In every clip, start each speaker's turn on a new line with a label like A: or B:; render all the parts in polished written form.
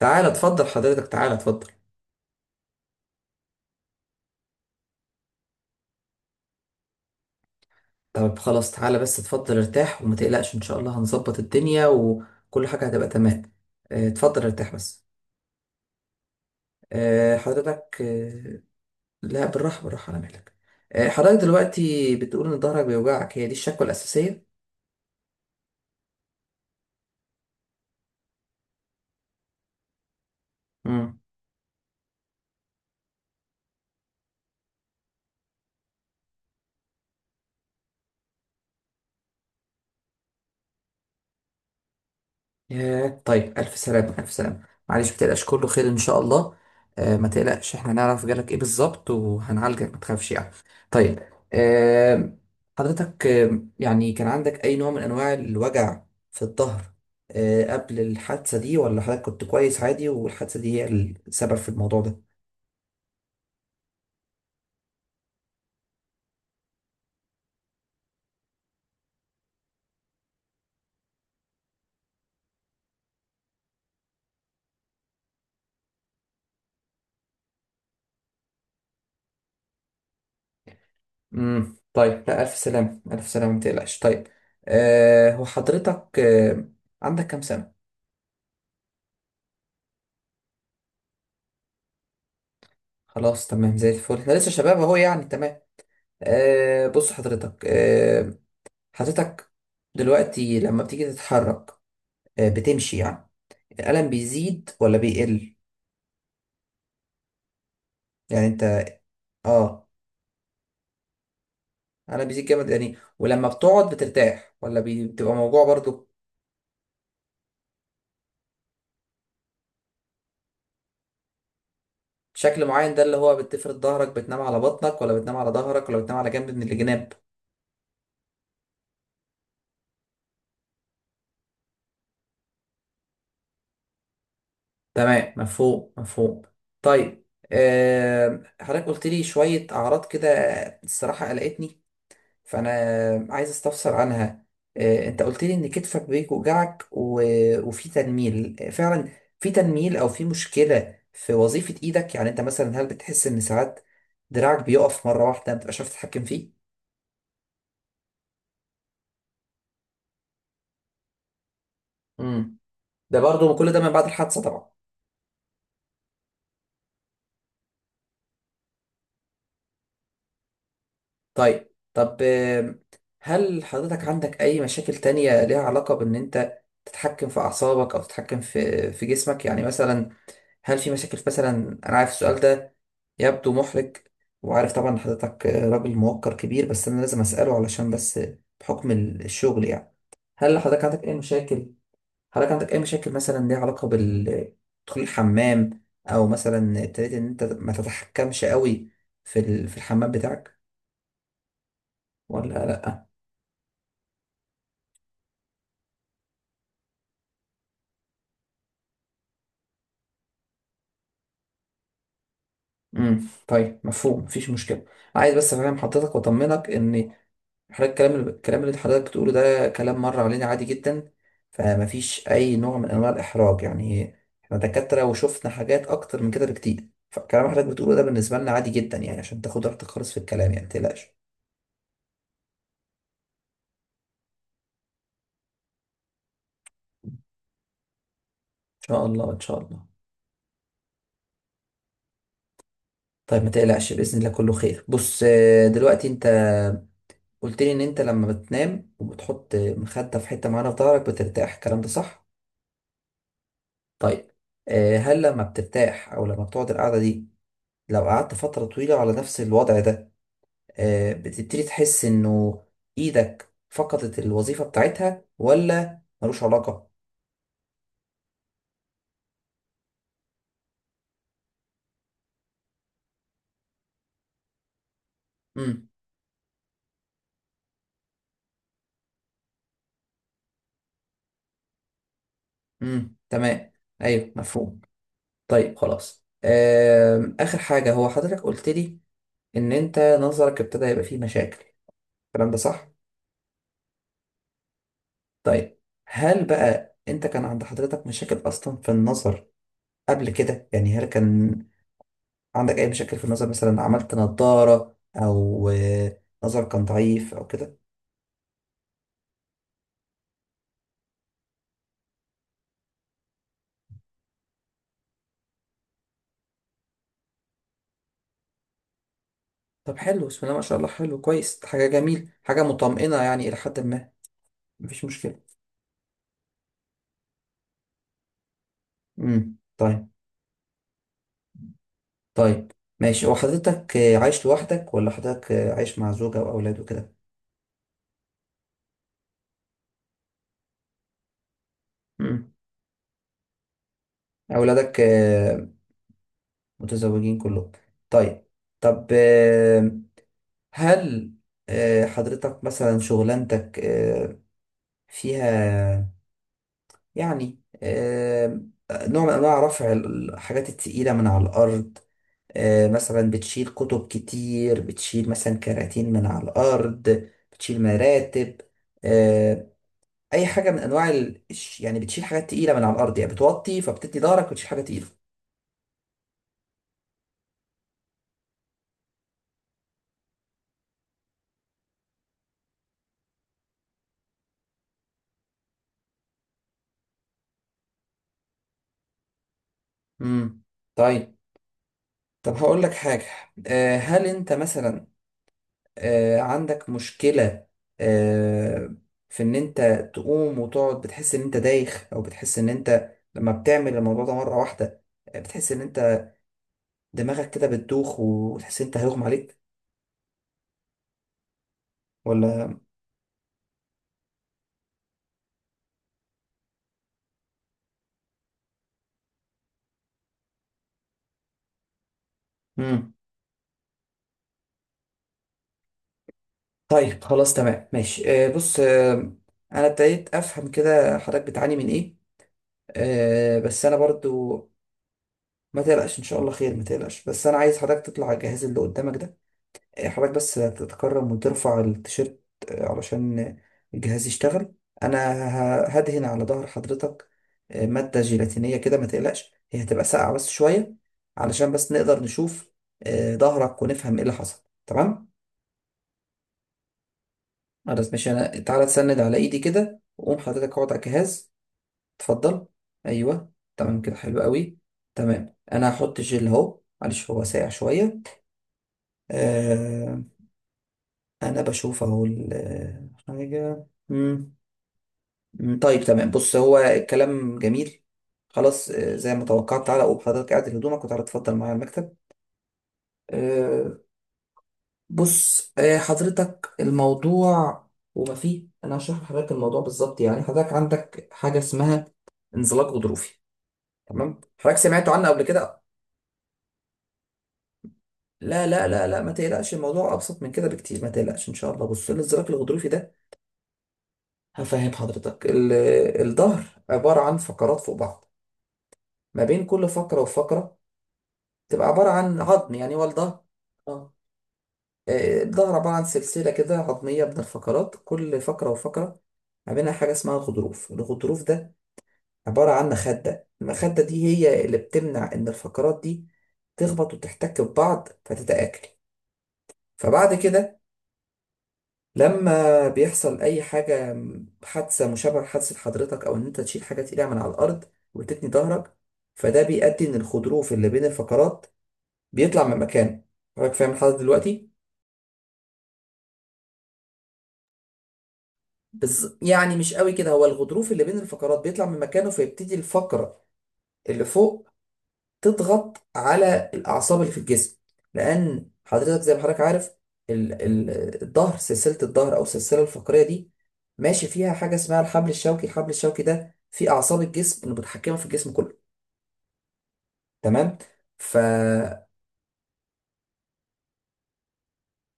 A: تعالى اتفضل حضرتك تعالى اتفضل. طب خلاص تعالى بس اتفضل ارتاح وما تقلقش ان شاء الله هنظبط الدنيا وكل حاجة هتبقى تمام. اه، اتفضل ارتاح بس. اه، حضرتك اه، لا بالراحة بالراحة على مهلك. اه، حضرتك دلوقتي بتقول ان ظهرك بيوجعك، هي دي الشكوى الأساسية؟ مم. ياه، طيب ألف سلامة ألف سلامة. معلش متقلقش كله خير إن شاء الله. آه، ما تقلقش إحنا نعرف جالك إيه بالظبط وهنعالجك ما تخافش يعني. طيب. آه حضرتك يعني كان عندك أي نوع من أنواع الوجع في الظهر قبل الحادثة دي، ولا حضرتك كنت كويس عادي والحادثة دي هي السبب في الموضوع ده؟ طيب، لا ألف سلامة ألف سلامة ما تقلقش. طيب، هو حضرتك عندك كام سنة؟ خلاص تمام زي الفل، إحنا لسه شباب أهو يعني تمام. بص حضرتك، حضرتك دلوقتي لما بتيجي تتحرك، بتمشي يعني الألم بيزيد ولا بيقل؟ يعني انت اه الألم بيزيد جامد يعني، ولما بتقعد بترتاح ولا بتبقى موجوع برضو؟ شكل معين ده اللي هو بتفرد ظهرك، بتنام على بطنك ولا بتنام على ظهرك ولا بتنام على جنب من الجناب؟ تمام، مفهوم مفهوم. طيب، حضرتك قلت لي شوية أعراض كده الصراحة قلقتني، فانا عايز استفسر عنها. انت قلت لي ان كتفك بيوجعك وفي تنميل فعلا، في تنميل او في مشكله في وظيفه ايدك، يعني انت مثلا هل بتحس ان ساعات دراعك بيقف مره واحده ما بتبقاش عارف تتحكم فيه؟ امم ده برضو كل ده من بعد الحادثه طبعا. طيب طب آه، هل حضرتك عندك اي مشاكل تانية ليها علاقه بان انت تتحكم في اعصابك او تتحكم في جسمك، يعني مثلا هل في مشاكل مثلا؟ انا عارف السؤال ده يبدو محرج، وعارف طبعا إن حضرتك راجل موقر كبير، بس انا لازم اساله علشان بس بحكم الشغل يعني. هل حضرتك عندك اي مشاكل؟ حضرتك عندك اي مشاكل مثلا ليها علاقه دخول الحمام، او مثلا ابتديت ان انت ما تتحكمش قوي في في الحمام بتاعك ولا لا؟ طيب، مفهوم، مفيش مشكله. عايز بس افهم حضرتك واطمنك ان حضرتك الكلام اللي حضرتك بتقوله ده كلام مر علينا عادي جدا، فمفيش أي نوع من أنواع الإحراج يعني. إحنا دكاترة وشفنا حاجات أكتر من كده بكتير، فالكلام حضرتك بتقوله ده بالنسبة لنا عادي جدا يعني، عشان تاخد راحتك خالص في الكلام يعني متقلقش. إن شاء الله. طيب ما تقلقش بإذن الله كله خير. بص دلوقتي أنت قلت لي إن أنت لما بتنام وبتحط مخدة في حتة معينة في ظهرك بترتاح، الكلام ده صح؟ طيب، هل لما بترتاح أو لما بتقعد القعدة دي لو قعدت فترة طويلة على نفس الوضع ده، بتبتدي تحس انه ايدك فقدت الوظيفة بتاعتها، ولا ملوش علاقة؟ امم تمام، ايوه مفهوم. طيب خلاص، اخر حاجة هو حضرتك قلت لي ان انت نظرك ابتدى يبقى فيه مشاكل، الكلام ده صح؟ طيب، هل بقى انت كان عند حضرتك مشاكل اصلا في النظر قبل كده؟ يعني هل كان عندك اي مشاكل في النظر، مثلا عملت نضارة او نظر كان ضعيف او كده؟ طب حلو، بسم الله ما شاء الله، حلو كويس، حاجة جميل، حاجة مطمئنة يعني إلى حد ما. مفيش مشكلة. طيب. طيب ماشي، هو حضرتك عايش لوحدك ولا حضرتك عايش مع زوجة وأولاد وكده؟ امم أولادك متزوجين كلهم؟ طيب. طب آه، هل حضرتك مثلا شغلانتك فيها يعني نوع من أنواع رفع الحاجات التقيلة من على الأرض؟ مثلا بتشيل كتب كتير، بتشيل مثلا كراتين من على الأرض، بتشيل مراتب، آه، أي حاجة من أنواع يعني بتشيل حاجات تقيلة من على الأرض، يعني بتوطي فبتدي ظهرك وتشيل حاجة تقيلة؟ امم طيب. طب هقول لك حاجة، هل أنت مثلا عندك مشكلة آه، في إن أنت تقوم وتقعد بتحس إن أنت دايخ، أو بتحس إن أنت لما بتعمل الموضوع ده مرة واحدة بتحس إن أنت دماغك كده بتدوخ وتحس إن أنت هيغمى عليك، ولا؟ امم طيب خلاص تمام ماشي، بص انا ابتديت افهم كده حضرتك بتعاني من ايه. بس انا برضو ما تقلقش ان شاء الله خير، ما تقلقش. بس انا عايز حضرتك تطلع على الجهاز اللي قدامك ده، حضرتك بس تتكرم وترفع التيشيرت علشان الجهاز يشتغل. انا هدهن على ظهر حضرتك مادة جيلاتينية كده ما تقلقش، هي هتبقى ساقعة بس شوية، علشان بس نقدر نشوف ظهرك ونفهم ايه اللي حصل، تمام؟ خلاص ماشي، انا تعالى تسند على ايدي كده وقوم حضرتك اقعد على الجهاز. اتفضل، ايوه تمام كده، حلو قوي. تمام انا هحط جل اهو، معلش هو ساقع شويه. آه انا بشوف اهو حاجه. طيب تمام، بص هو الكلام جميل، خلاص زي ما توقعت. تعالى قوم حضرتك اعدل هدومك، وتعالى اتفضل معايا على المكتب. آه بص حضرتك الموضوع وما فيه انا هشرح لحضرتك الموضوع بالظبط. يعني حضرتك عندك حاجه اسمها انزلاق غضروفي، تمام؟ حضرتك سمعتوا عنه قبل كده؟ لا، لا، لا، لا، ما تقلقش، الموضوع ابسط من كده بكتير، ما تقلقش ان شاء الله. بص الانزلاق الغضروفي ده هفهم حضرتك. الظهر عباره عن فقرات فوق بعض، ما بين كل فقره وفقره تبقى عباره عن عظم، يعني هو الظهر آه، الظهر عباره عن سلسله كده عظميه من الفقرات، كل فقره وفقره ما بينها حاجه اسمها الغضروف. الغضروف ده عباره عن مخده، المخده دي هي اللي بتمنع ان الفقرات دي تخبط وتحتك ببعض فتتآكل. فبعد كده لما بيحصل اي حاجه، حادثه مشابهه لحادثه حضرتك، او ان انت تشيل حاجه تقيله من على الارض وتتني ظهرك، فده بيؤدي ان الخروف اللي بين الفقرات بيطلع من مكانه. حضرتك فاهم الحاجه دلوقتي؟ بس يعني مش قوي كده، هو الغضروف اللي بين الفقرات بيطلع من مكانه فيبتدي الفقره اللي فوق تضغط على الأعصاب اللي في الجسم، لأن حضرتك زي ما حضرتك عارف الظهر، سلسلة الظهر أو السلسلة الفقرية دي ماشي فيها حاجة اسمها الحبل الشوكي. الحبل الشوكي ده في أعصاب الجسم متحكمة في الجسم كله، تمام؟ ف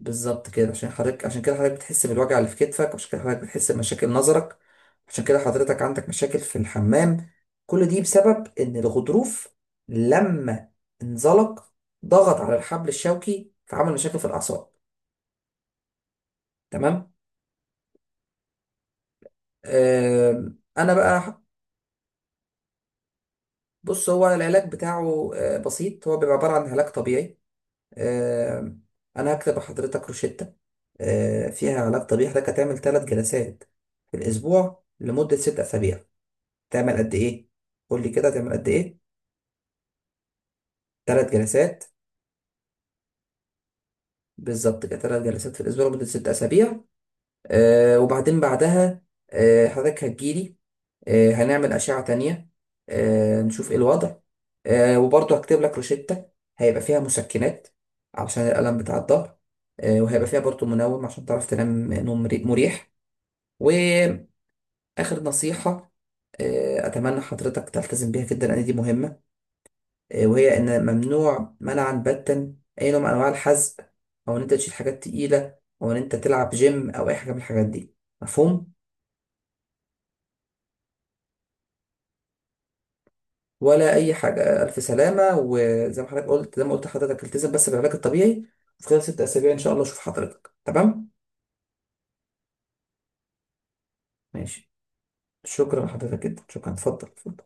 A: بالظبط كده، عشان حضرتك، عشان كده حضرتك بتحس بالوجع اللي في كتفك، عشان كده حضرتك بتحس بمشاكل نظرك، عشان كده حضرتك عندك مشاكل في الحمام. كل دي بسبب ان الغضروف لما انزلق ضغط على الحبل الشوكي فعمل مشاكل في الاعصاب، تمام. انا بقى بص هو العلاج بتاعه بسيط، هو بيبقى عبارة عن علاج طبيعي. آم، انا هكتب لحضرتك روشتة فيها علاج طبيعي، حضرتك هتعمل 3 جلسات في الاسبوع لمدة 6 اسابيع. تعمل قد ايه؟ قول لي كده تعمل قد ايه؟ 3 جلسات. بالظبط كده، 3 جلسات في الاسبوع لمده 6 اسابيع. وبعدين بعدها حضرتك هتجيلي، هنعمل اشعه تانية نشوف ايه الوضع. وبرضه هكتب لك روشتة هيبقى فيها مسكنات علشان الالم بتاع الظهر، وهيبقى فيها برضه منوم عشان تعرف تنام نوم مريح. واخر نصيحه اتمنى حضرتك تلتزم بيها جدا لان دي مهمه، وهي إن ممنوع منعا باتا أي نوع من أنواع الحزق، أو إن أنت تشيل حاجات تقيلة، أو إن أنت تلعب جيم أو أي حاجة من الحاجات دي، مفهوم؟ ولا أي حاجة، ألف سلامة. وزي ما حضرتك قلت، زي ما قلت لحضرتك التزم بس بالعلاج الطبيعي، وفي خلال 6 أسابيع إن شاء الله أشوف حضرتك تمام. ماشي، شكرا لحضرتك جدا، شكرا، اتفضل.